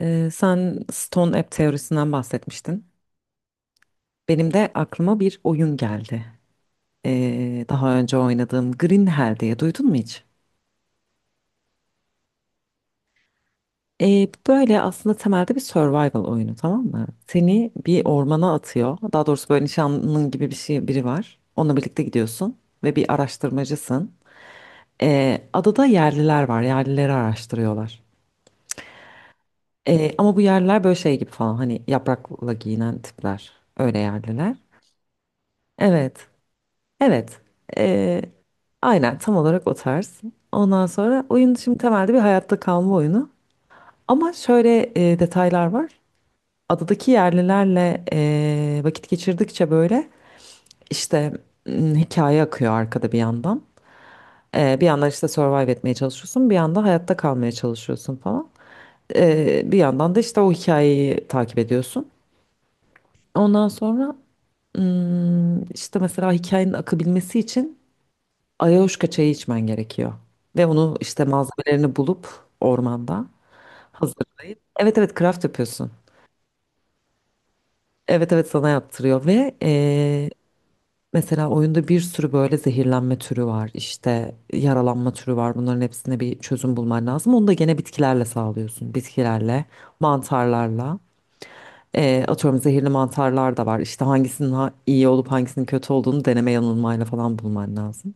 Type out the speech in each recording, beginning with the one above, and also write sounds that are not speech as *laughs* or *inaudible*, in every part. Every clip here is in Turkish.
Sen Stone App teorisinden bahsetmiştin. Benim de aklıma bir oyun geldi. Daha önce oynadığım Green Hell diye duydun mu hiç? Böyle aslında temelde bir survival oyunu, tamam mı? Seni bir ormana atıyor. Daha doğrusu böyle nişanlının gibi bir şey, biri var. Onunla birlikte gidiyorsun ve bir araştırmacısın. Adada yerliler var. Yerlileri araştırıyorlar. Ama bu yerliler böyle şey gibi falan, hani yaprakla giyinen tipler. Öyle yerliler. Evet. Evet. Ee, aynen tam olarak o tarz. Ondan sonra oyun şimdi temelde bir hayatta kalma oyunu. Ama şöyle detaylar var. Adadaki yerlilerle vakit geçirdikçe böyle işte, hikaye akıyor arkada bir yandan. Bir yandan işte survive etmeye çalışıyorsun. Bir yandan hayatta kalmaya çalışıyorsun falan. Bir yandan da işte o hikayeyi takip ediyorsun. Ondan sonra işte mesela hikayenin akabilmesi için Ayahuasca çayı içmen gerekiyor. Ve onu işte malzemelerini bulup ormanda hazırlayıp. Evet evet, craft yapıyorsun. Evet evet, sana yaptırıyor ve mesela oyunda bir sürü böyle zehirlenme türü var. İşte yaralanma türü var. Bunların hepsine bir çözüm bulman lazım. Onu da gene bitkilerle sağlıyorsun. Bitkilerle, mantarlarla. Atıyorum zehirli mantarlar da var. İşte hangisinin iyi olup hangisinin kötü olduğunu deneme yanılmayla falan bulman lazım.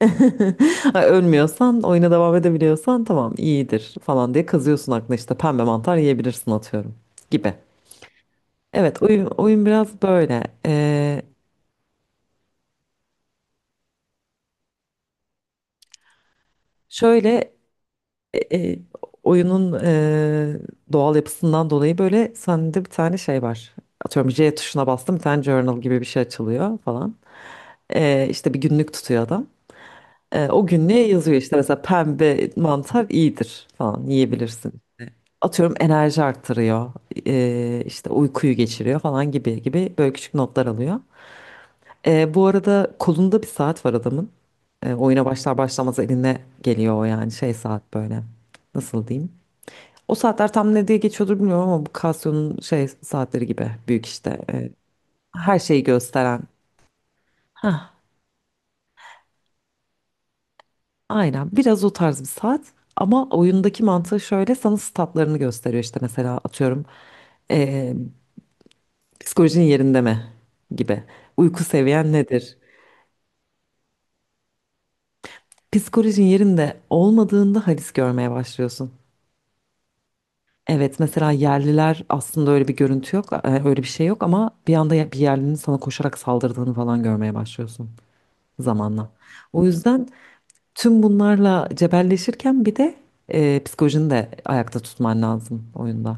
*laughs* Ölmüyorsan, oyuna devam edebiliyorsan tamam iyidir falan diye kızıyorsun, aklına işte pembe mantar yiyebilirsin atıyorum gibi. Evet oyun, oyun biraz böyle. Şöyle e, e, oyunun doğal yapısından dolayı böyle sende bir tane şey var. Atıyorum J tuşuna bastım, bir tane journal gibi bir şey açılıyor falan. İşte bir günlük tutuyor adam. O günlüğe yazıyor işte, mesela pembe mantar iyidir falan, yiyebilirsin atıyorum enerji arttırıyor, işte uykuyu geçiriyor falan gibi gibi böyle küçük notlar alıyor. Bu arada kolunda bir saat var adamın. Oyuna başlar başlamaz eline geliyor o, yani şey saat böyle. Nasıl diyeyim? O saatler tam ne diye geçiyordur bilmiyorum ama bu Casio'nun şey saatleri gibi büyük işte. Her şeyi gösteren. Hah, aynen biraz o tarz bir saat. Ama oyundaki mantığı şöyle, sana statlarını gösteriyor. İşte mesela atıyorum, e, Psikolojin yerinde mi? Gibi. Uyku seviyen nedir? Psikolojin yerinde olmadığında halis görmeye başlıyorsun. Evet, mesela yerliler aslında öyle bir görüntü yok, öyle bir şey yok, ama bir anda bir yerlinin sana koşarak saldırdığını falan görmeye başlıyorsun zamanla. O yüzden tüm bunlarla cebelleşirken bir de psikolojini de ayakta tutman lazım oyunda.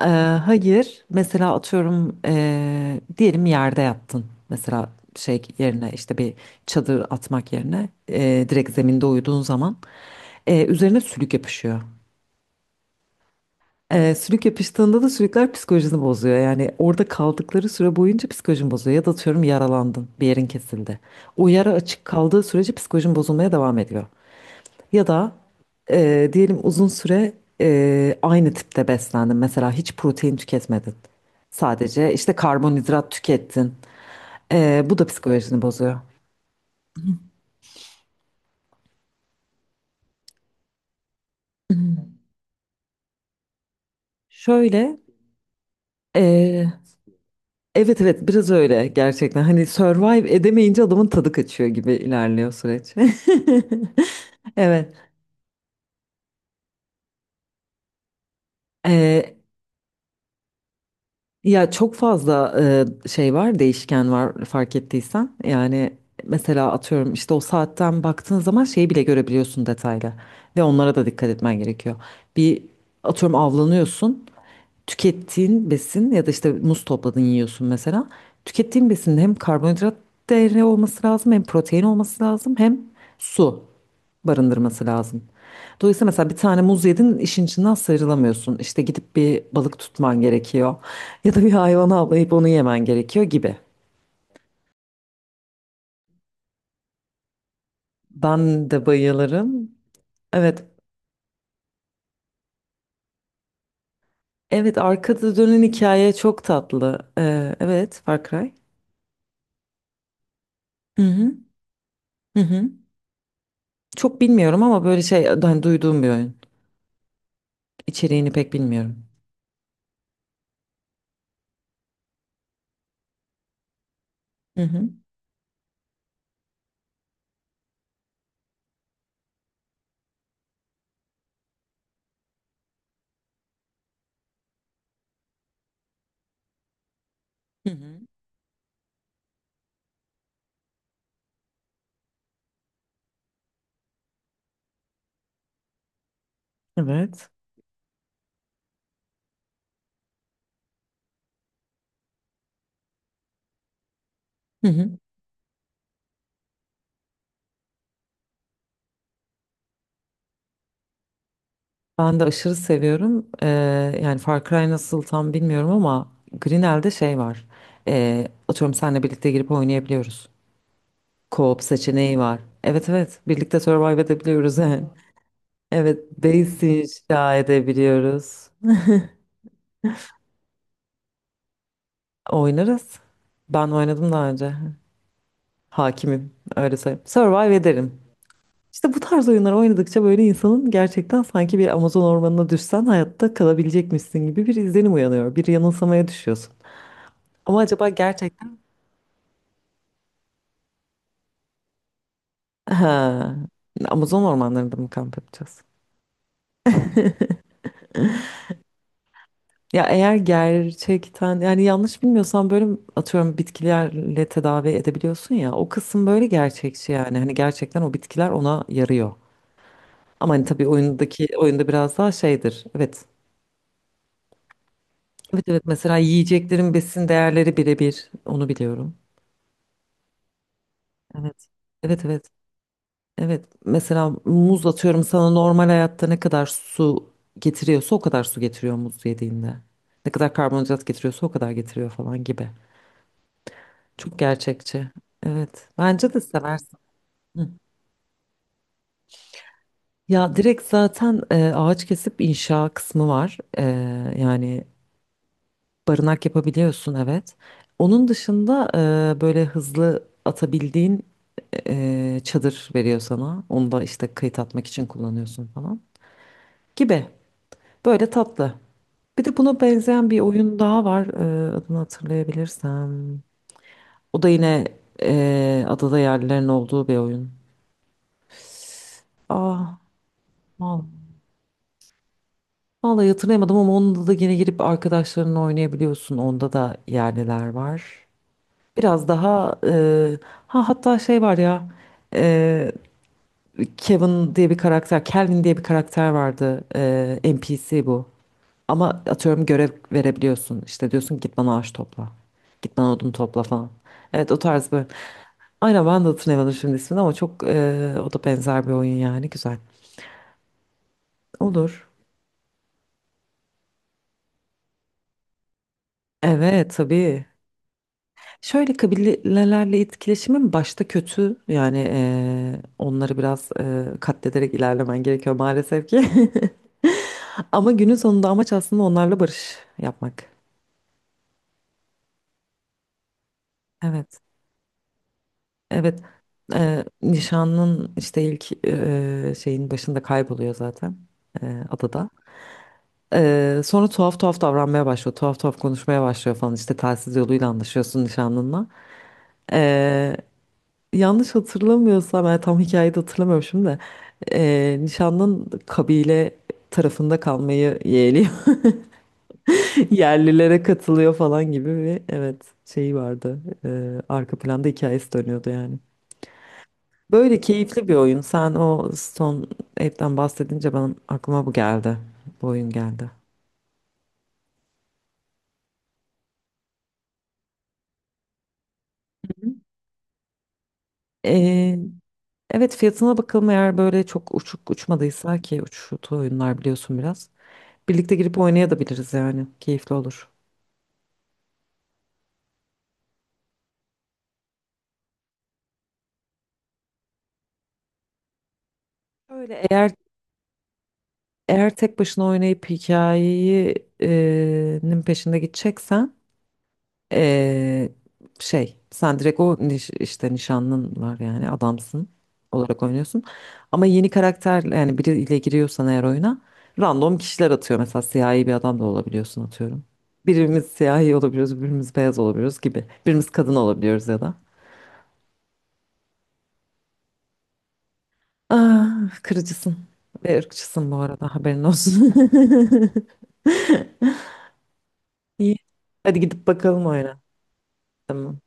Ee, hayır. Mesela atıyorum diyelim yerde yattın. Mesela şey yerine işte bir çadır atmak yerine direkt zeminde uyuduğun zaman üzerine sülük yapışıyor. Sülük yapıştığında da sülükler psikolojini bozuyor. Yani orada kaldıkları süre boyunca psikolojin bozuyor. Ya da atıyorum yaralandın, bir yerin kesildi. O yara açık kaldığı sürece psikolojin bozulmaya devam ediyor. Ya da diyelim uzun süre aynı tipte beslendin. Mesela hiç protein tüketmedin. Sadece işte karbonhidrat tükettin. E, bu da psikolojini bozuyor. Şöyle, e, evet evet biraz öyle gerçekten. Hani survive edemeyince adamın tadı kaçıyor gibi ilerliyor süreç. *laughs* Evet. E, ya çok fazla şey var, değişken var fark ettiysen. Yani mesela atıyorum işte o saatten baktığın zaman şeyi bile görebiliyorsun detaylı. Ve onlara da dikkat etmen gerekiyor. Bir atıyorum avlanıyorsun. Tükettiğin besin ya da işte muz topladın yiyorsun mesela. Tükettiğin besinde hem karbonhidrat değeri olması lazım, hem protein olması lazım, hem su barındırması lazım. Dolayısıyla mesela bir tane muz yedin, işin içinden sıyrılamıyorsun. İşte gidip bir balık tutman gerekiyor. Ya da bir hayvanı avlayıp onu yemen gerekiyor gibi. Ben de bayılırım. Evet. Evet, arkada dönen hikaye çok tatlı. Evet Far Cry. Hı hı. Hı hı. Çok bilmiyorum ama böyle şey, hani duyduğum bir oyun. İçeriğini pek bilmiyorum. Hı hı. Hı hı. Evet. Hı hı. Ben de aşırı seviyorum. Yani Far Cry nasıl tam bilmiyorum ama Grinel'de şey var. Atıyorum seninle birlikte girip oynayabiliyoruz. Co-op seçeneği var. Evet evet, birlikte survive edebiliyoruz yani. *laughs* Evet, base inşa edebiliyoruz. Oynarız. Ben oynadım daha önce. Hakimim. Öyle söyleyeyim. Survive ederim. İşte bu tarz oyunlar oynadıkça böyle insanın gerçekten sanki bir Amazon ormanına düşsen hayatta kalabilecekmişsin gibi bir izlenim uyanıyor. Bir yanılsamaya düşüyorsun. Ama acaba gerçekten, ha, Amazon ormanlarında mı kamp yapacağız? *laughs* Ya eğer gerçekten yani yanlış bilmiyorsam böyle atıyorum bitkilerle tedavi edebiliyorsun ya, o kısım böyle gerçekçi. Yani hani gerçekten o bitkiler ona yarıyor. Ama hani tabii oyundaki, oyunda biraz daha şeydir. Evet. Evet evet, mesela yiyeceklerin besin değerleri birebir onu biliyorum. Evet. Evet evet. Evet. Mesela muz atıyorum sana normal hayatta ne kadar su getiriyorsa o kadar su getiriyor muz yediğinde. Ne kadar karbonhidrat getiriyorsa o kadar getiriyor falan gibi. Çok gerçekçi. Evet. Bence de seversin. Hı. Ya direkt zaten ağaç kesip inşa kısmı var. E, yani barınak yapabiliyorsun evet. Onun dışında böyle hızlı atabildiğin çadır veriyor sana. Onu da işte kayıt atmak için kullanıyorsun falan gibi. Böyle tatlı. Bir de buna benzeyen bir oyun daha var. E, adını hatırlayabilirsem. O da yine adada yerlilerin olduğu bir oyun. Ah, vallahi, vallahi hatırlayamadım, ama onda da yine girip arkadaşlarınla oynayabiliyorsun. Onda da yerliler var. Biraz daha ha, hatta şey var ya, e, Kevin diye bir karakter, Kelvin diye bir karakter vardı. E, NPC bu. Ama atıyorum görev verebiliyorsun. İşte diyorsun git bana ağaç topla. Git bana odun topla falan. Evet, o tarz bir. Aynen, ben de hatırlayamadım şimdi ismini ama çok o da benzer bir oyun yani, güzel. Olur. Evet tabii. Şöyle, kabilelerle etkileşimin başta kötü. Yani onları biraz katlederek ilerlemen gerekiyor maalesef ki. *laughs* Ama günün sonunda amaç aslında onlarla barış yapmak. Evet, evet. Nişanın işte ilk şeyin başında kayboluyor zaten adada. Sonra tuhaf tuhaf davranmaya başlıyor, tuhaf tuhaf konuşmaya başlıyor falan, işte telsiz yoluyla anlaşıyorsun nişanlınla. Yanlış hatırlamıyorsam, yani tam hikayeyi de hatırlamıyorum şimdi de, nişanlın kabile tarafında kalmayı yeğliyor. *laughs* Yerlilere katılıyor falan gibi bir, evet, şeyi vardı. Arka planda hikayesi dönüyordu yani. Böyle keyifli bir oyun. Sen o Stone Ape'den bahsedince benim aklıma bu geldi. Bu oyun geldi. Eee, evet fiyatına bakalım, eğer böyle çok uçuk uçmadıysa, ki uçtu oyunlar biliyorsun biraz. Birlikte girip oynayabiliriz yani. Keyifli olur. Öyle eğer Eğer tek başına oynayıp hikayenin peşinde gideceksen eee, şey, sen direkt o işte nişanlın var, yani adamsın olarak oynuyorsun. Ama yeni karakter yani, biriyle giriyorsan eğer oyuna, random kişiler atıyor. Mesela siyahi bir adam da olabiliyorsun atıyorum. Birimiz siyahi olabiliyoruz, birimiz beyaz olabiliyoruz gibi. Birimiz kadın olabiliyoruz ya da. Ah, kırıcısın ve ırkçısın bu arada, haberin olsun. *laughs* İyi. Hadi gidip bakalım oyuna. Tamam.